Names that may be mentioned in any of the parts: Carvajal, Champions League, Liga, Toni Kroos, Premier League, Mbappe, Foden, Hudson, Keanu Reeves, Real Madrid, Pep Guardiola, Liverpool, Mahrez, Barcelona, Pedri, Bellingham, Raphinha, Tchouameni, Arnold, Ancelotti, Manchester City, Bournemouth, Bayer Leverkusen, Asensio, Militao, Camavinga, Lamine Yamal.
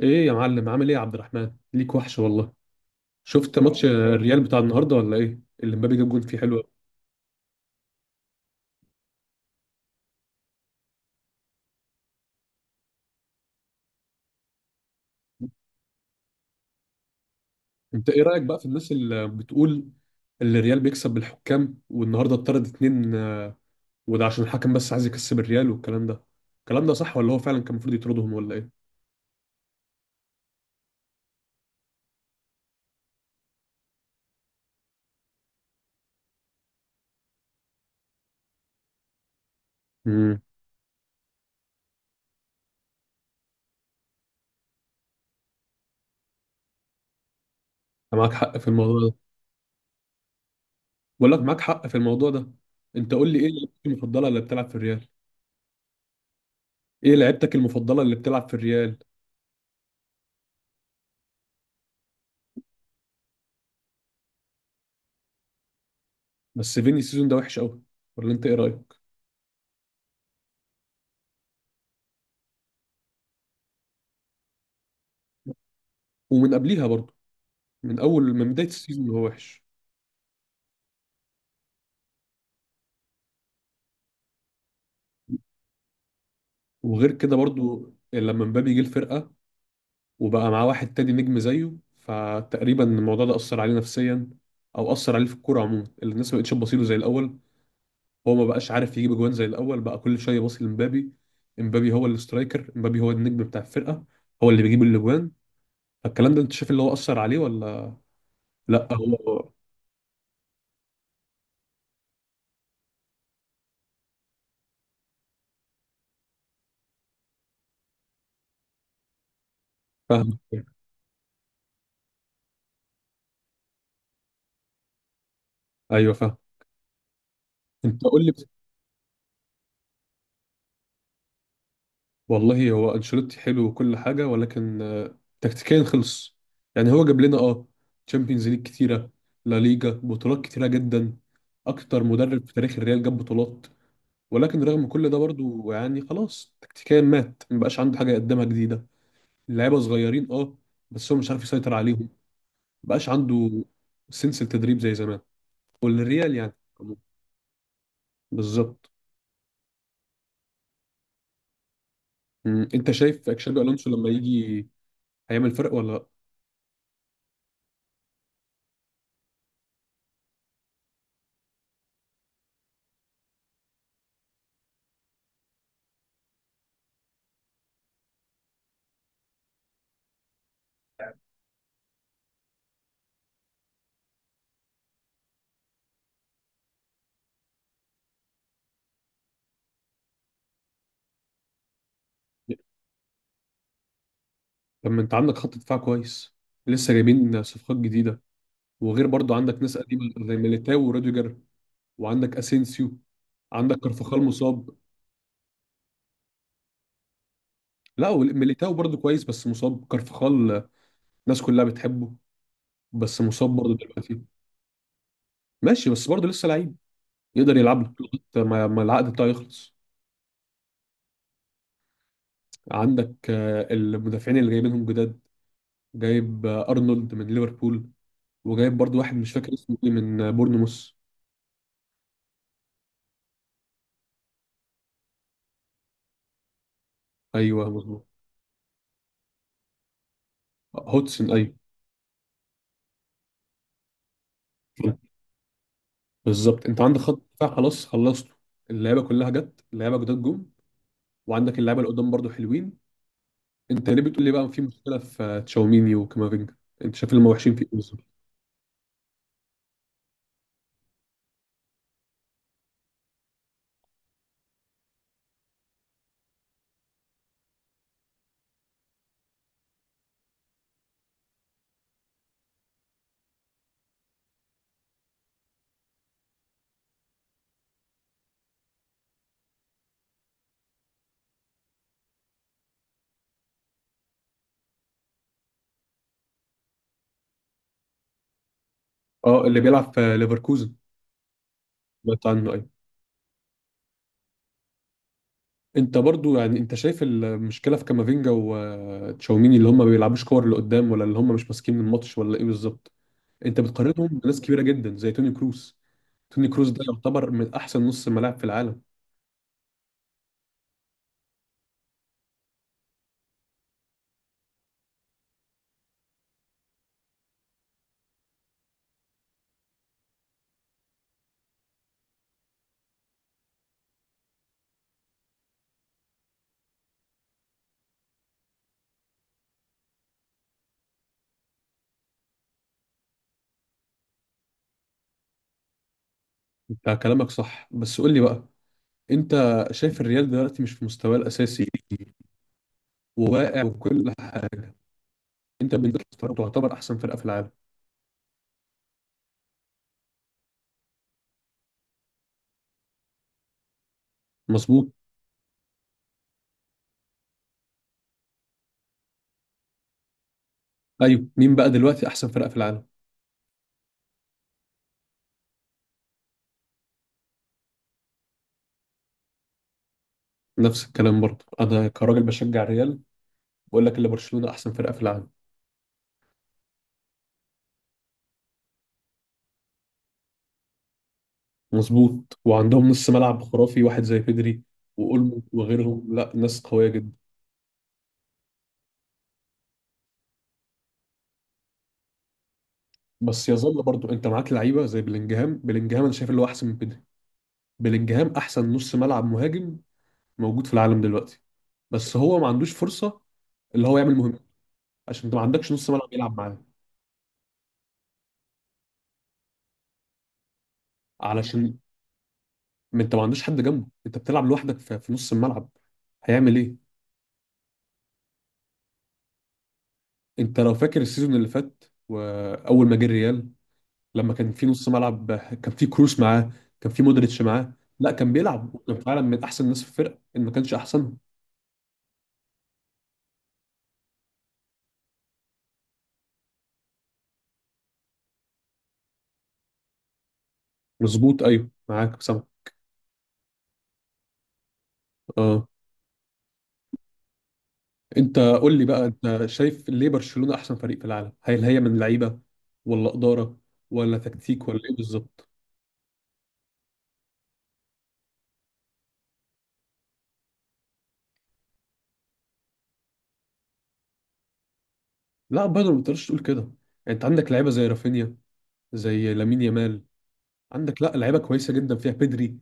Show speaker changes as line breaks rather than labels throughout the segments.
ايه يا معلم، عامل ايه يا عبد الرحمن؟ ليك وحش والله. شفت ماتش الريال بتاع النهارده ولا ايه؟ اللي مبابي جاب جول فيه حلو أوي. انت ايه رايك بقى في الناس اللي بتقول اللي الريال بيكسب بالحكام، والنهارده اتطرد اتنين، وده عشان الحكم بس عايز يكسب الريال؟ والكلام ده الكلام ده صح ولا هو فعلا كان المفروض يطردهم ولا ايه؟ امم. انت معاك حق في الموضوع ده. بقول لك معاك حق في الموضوع ده. انت قول لي ايه لعيبتك المفضله اللي بتلعب في الريال؟ ايه لعيبتك المفضله اللي بتلعب في الريال؟ بس فيني السيزون ده وحش قوي، ولا انت ايه رايك؟ ومن قبليها برضه، من بدايه السيزون هو وحش. وغير كده برضو لما مبابي جه الفرقه وبقى معاه واحد تاني نجم زيه، فتقريبا الموضوع ده اثر عليه نفسيا، او اثر عليه في الكوره عموما. الناس ما بقتش تبصيله زي الاول، هو ما بقاش عارف يجيب اجوان زي الاول، بقى كل شويه باصي لمبابي. مبابي هو السترايكر، مبابي هو النجم بتاع الفرقه، هو اللي بيجيب الاجوان. فالكلام ده انت شايف اللي هو اثر عليه ولا؟ لا هو. فاهم. ايوه فاهم. انت قول لي. والله هو انشيلوتي حلو وكل حاجه، ولكن تكتيكيا خلص. يعني هو جاب لنا تشامبيونز ليج كتيره، لا ليجا، بطولات كتيره جدا. اكتر مدرب في تاريخ الريال جاب بطولات، ولكن رغم كل ده برضو يعني خلاص تكتيكيا مات، مبقاش عنده حاجه يقدمها جديده. اللعيبه صغيرين، اه، بس هو مش عارف يسيطر عليهم. مبقاش عنده سنس التدريب زي زمان والريال يعني بالظبط. انت شايف اكشابي الونسو لما يجي هيعمل فرق ولا لا؟ طب ما انت عندك خط دفاع كويس، لسه جايبين صفقات جديده، وغير برضو عندك ناس قديمه زي ميليتاو وروديجر، وعندك اسينسيو، عندك كارفخال مصاب. لا ميليتاو برضو كويس، بس مصاب كارفخال، الناس كلها بتحبه، بس مصاب برضو دلوقتي. ماشي، بس برضو لسه لعيب، يقدر يلعب لك لغايه ما العقد بتاعه يخلص. عندك المدافعين اللي جايبينهم جداد، جايب ارنولد من ليفربول، وجايب برضو واحد مش فاكر اسمه ايه من بورنموث. ايوه مظبوط. هودسون، ايوه. بالظبط، انت عندك خط دفاع خلاص خلصته، اللعيبه كلها جت، اللعيبه جداد جم، وعندك اللعيبه اللي قدام برضو حلوين. انت ليه بتقول لي بقى في مشكله في تشاوميني وكامافينجا؟ انت شايف اللي هم وحشين في ايه بالظبط؟ اه، اللي بيلعب في ليفركوزن، سمعت عنه ايوه. انت برضو يعني انت شايف المشكله في كامافينجا وتشاوميني اللي هم ما بيلعبوش كور اللي قدام، ولا اللي هم مش ماسكين الماتش ولا ايه بالظبط؟ انت بتقارنهم بناس كبيره جدا زي توني كروس. توني كروس ده يعتبر من احسن نص ملاعب في العالم. انت كلامك صح، بس قول لي بقى، انت شايف الريال دلوقتي مش في مستواه الاساسي وواقع وكل حاجه؟ انت بالنسبه لك تعتبر احسن فرقه في العالم؟ مظبوط، ايوه، مين بقى دلوقتي احسن فرقه في العالم؟ نفس الكلام برضه، انا كراجل بشجع الريال، بقول لك ان برشلونه احسن فرقه في العالم. مظبوط، وعندهم نص ملعب خرافي، واحد زي بيدري واولمو وغيرهم، لا ناس قويه جدا. بس يظل برضه انت معاك لعيبه زي بلينجهام، بلينجهام انا شايف اللي هو احسن من بيدري. بلينجهام احسن نص ملعب مهاجم موجود في العالم دلوقتي، بس هو ما عندوش فرصة اللي هو يعمل مهم، عشان انت ما عندكش نص ملعب يلعب معاه. علشان ما انت ما عندوش حد جنبه، انت بتلعب لوحدك في نص الملعب، هيعمل ايه؟ انت لو فاكر السيزون اللي فات، واول ما جه الريال لما كان في نص ملعب، كان في كروس معاه، كان في مودريتش معاه، لا كان بيلعب وكان فعلا من احسن الناس في الفرقة، ان ما كانش احسنهم. مظبوط، ايوه معاك سامع، اه. انت قول لي بقى، انت شايف ليه برشلونة احسن فريق في العالم؟ هل هي من لعيبة، ولا إدارة، ولا تكتيك، ولا ايه بالظبط؟ لا برضه ما تقدرش تقول كده يعني، انت عندك لعيبة زي رافينيا، زي لامين يامال، عندك لا لعيبة كويسة جدا فيها بيدري.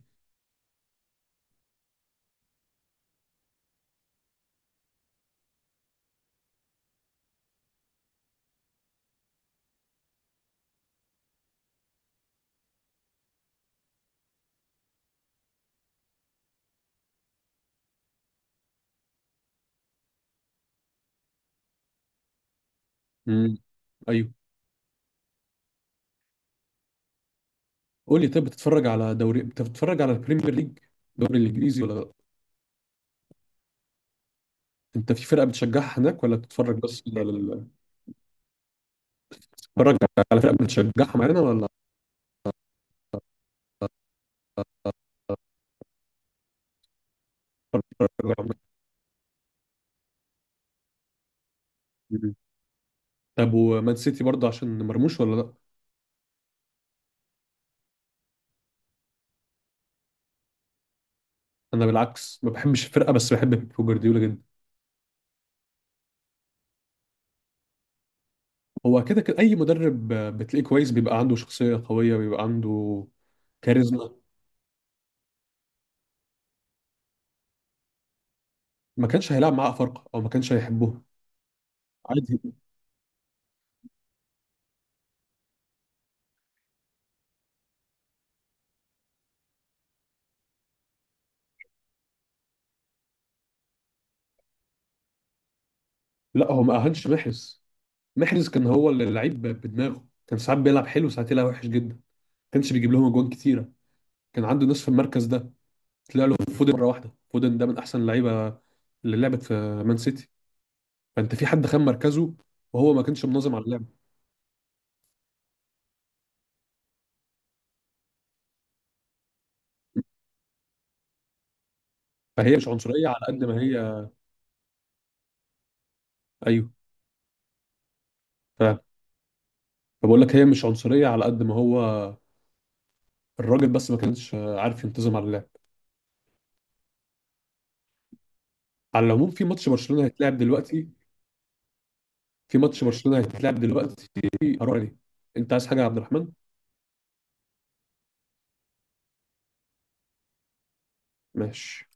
امم، ايوه. قول لي طيب، بتتفرج على دوري، بتتفرج على البريمير ليج، الدوري الانجليزي، ولا لا؟ انت في فرقة بتشجعها هناك، ولا بتتفرج بس على بتتفرج على فرقة بتشجعها معانا، ولا بتتفرج على- مم. طب ومان سيتي برضه عشان مرموش ولا لا؟ انا بالعكس ما بحبش الفرقه، بس بحب بيب جوارديولا جدا. هو كده كده اي مدرب بتلاقيه كويس بيبقى عنده شخصيه قويه، بيبقى عنده كاريزما. ما كانش هيلعب معاه افارقه او ما كانش هيحبوه، عادي. لا هو ما اهانش محرز. محرز كان هو اللي اللعيب بدماغه، كان ساعات بيلعب حلو، ساعات يلعب وحش جدا، ما كانش بيجيب لهم اجوان كتيره. كان عنده ناس في المركز ده، طلع له فودن مره واحده. فودن ده من احسن اللعيبه اللي لعبت في مان سيتي، فانت في حد خان مركزه، وهو ما كانش منظم على اللعب. فهي مش عنصريه على قد ما هي. ايوه، فبقول لك هي مش عنصرية على قد ما هو الراجل، بس ما كانش عارف ينتظم على اللعب. على العموم في ماتش برشلونة هيتلعب دلوقتي، في ماتش برشلونة هيتلعب دلوقتي، هروح عليه. انت عايز حاجة يا عبد الرحمن؟ ماشي.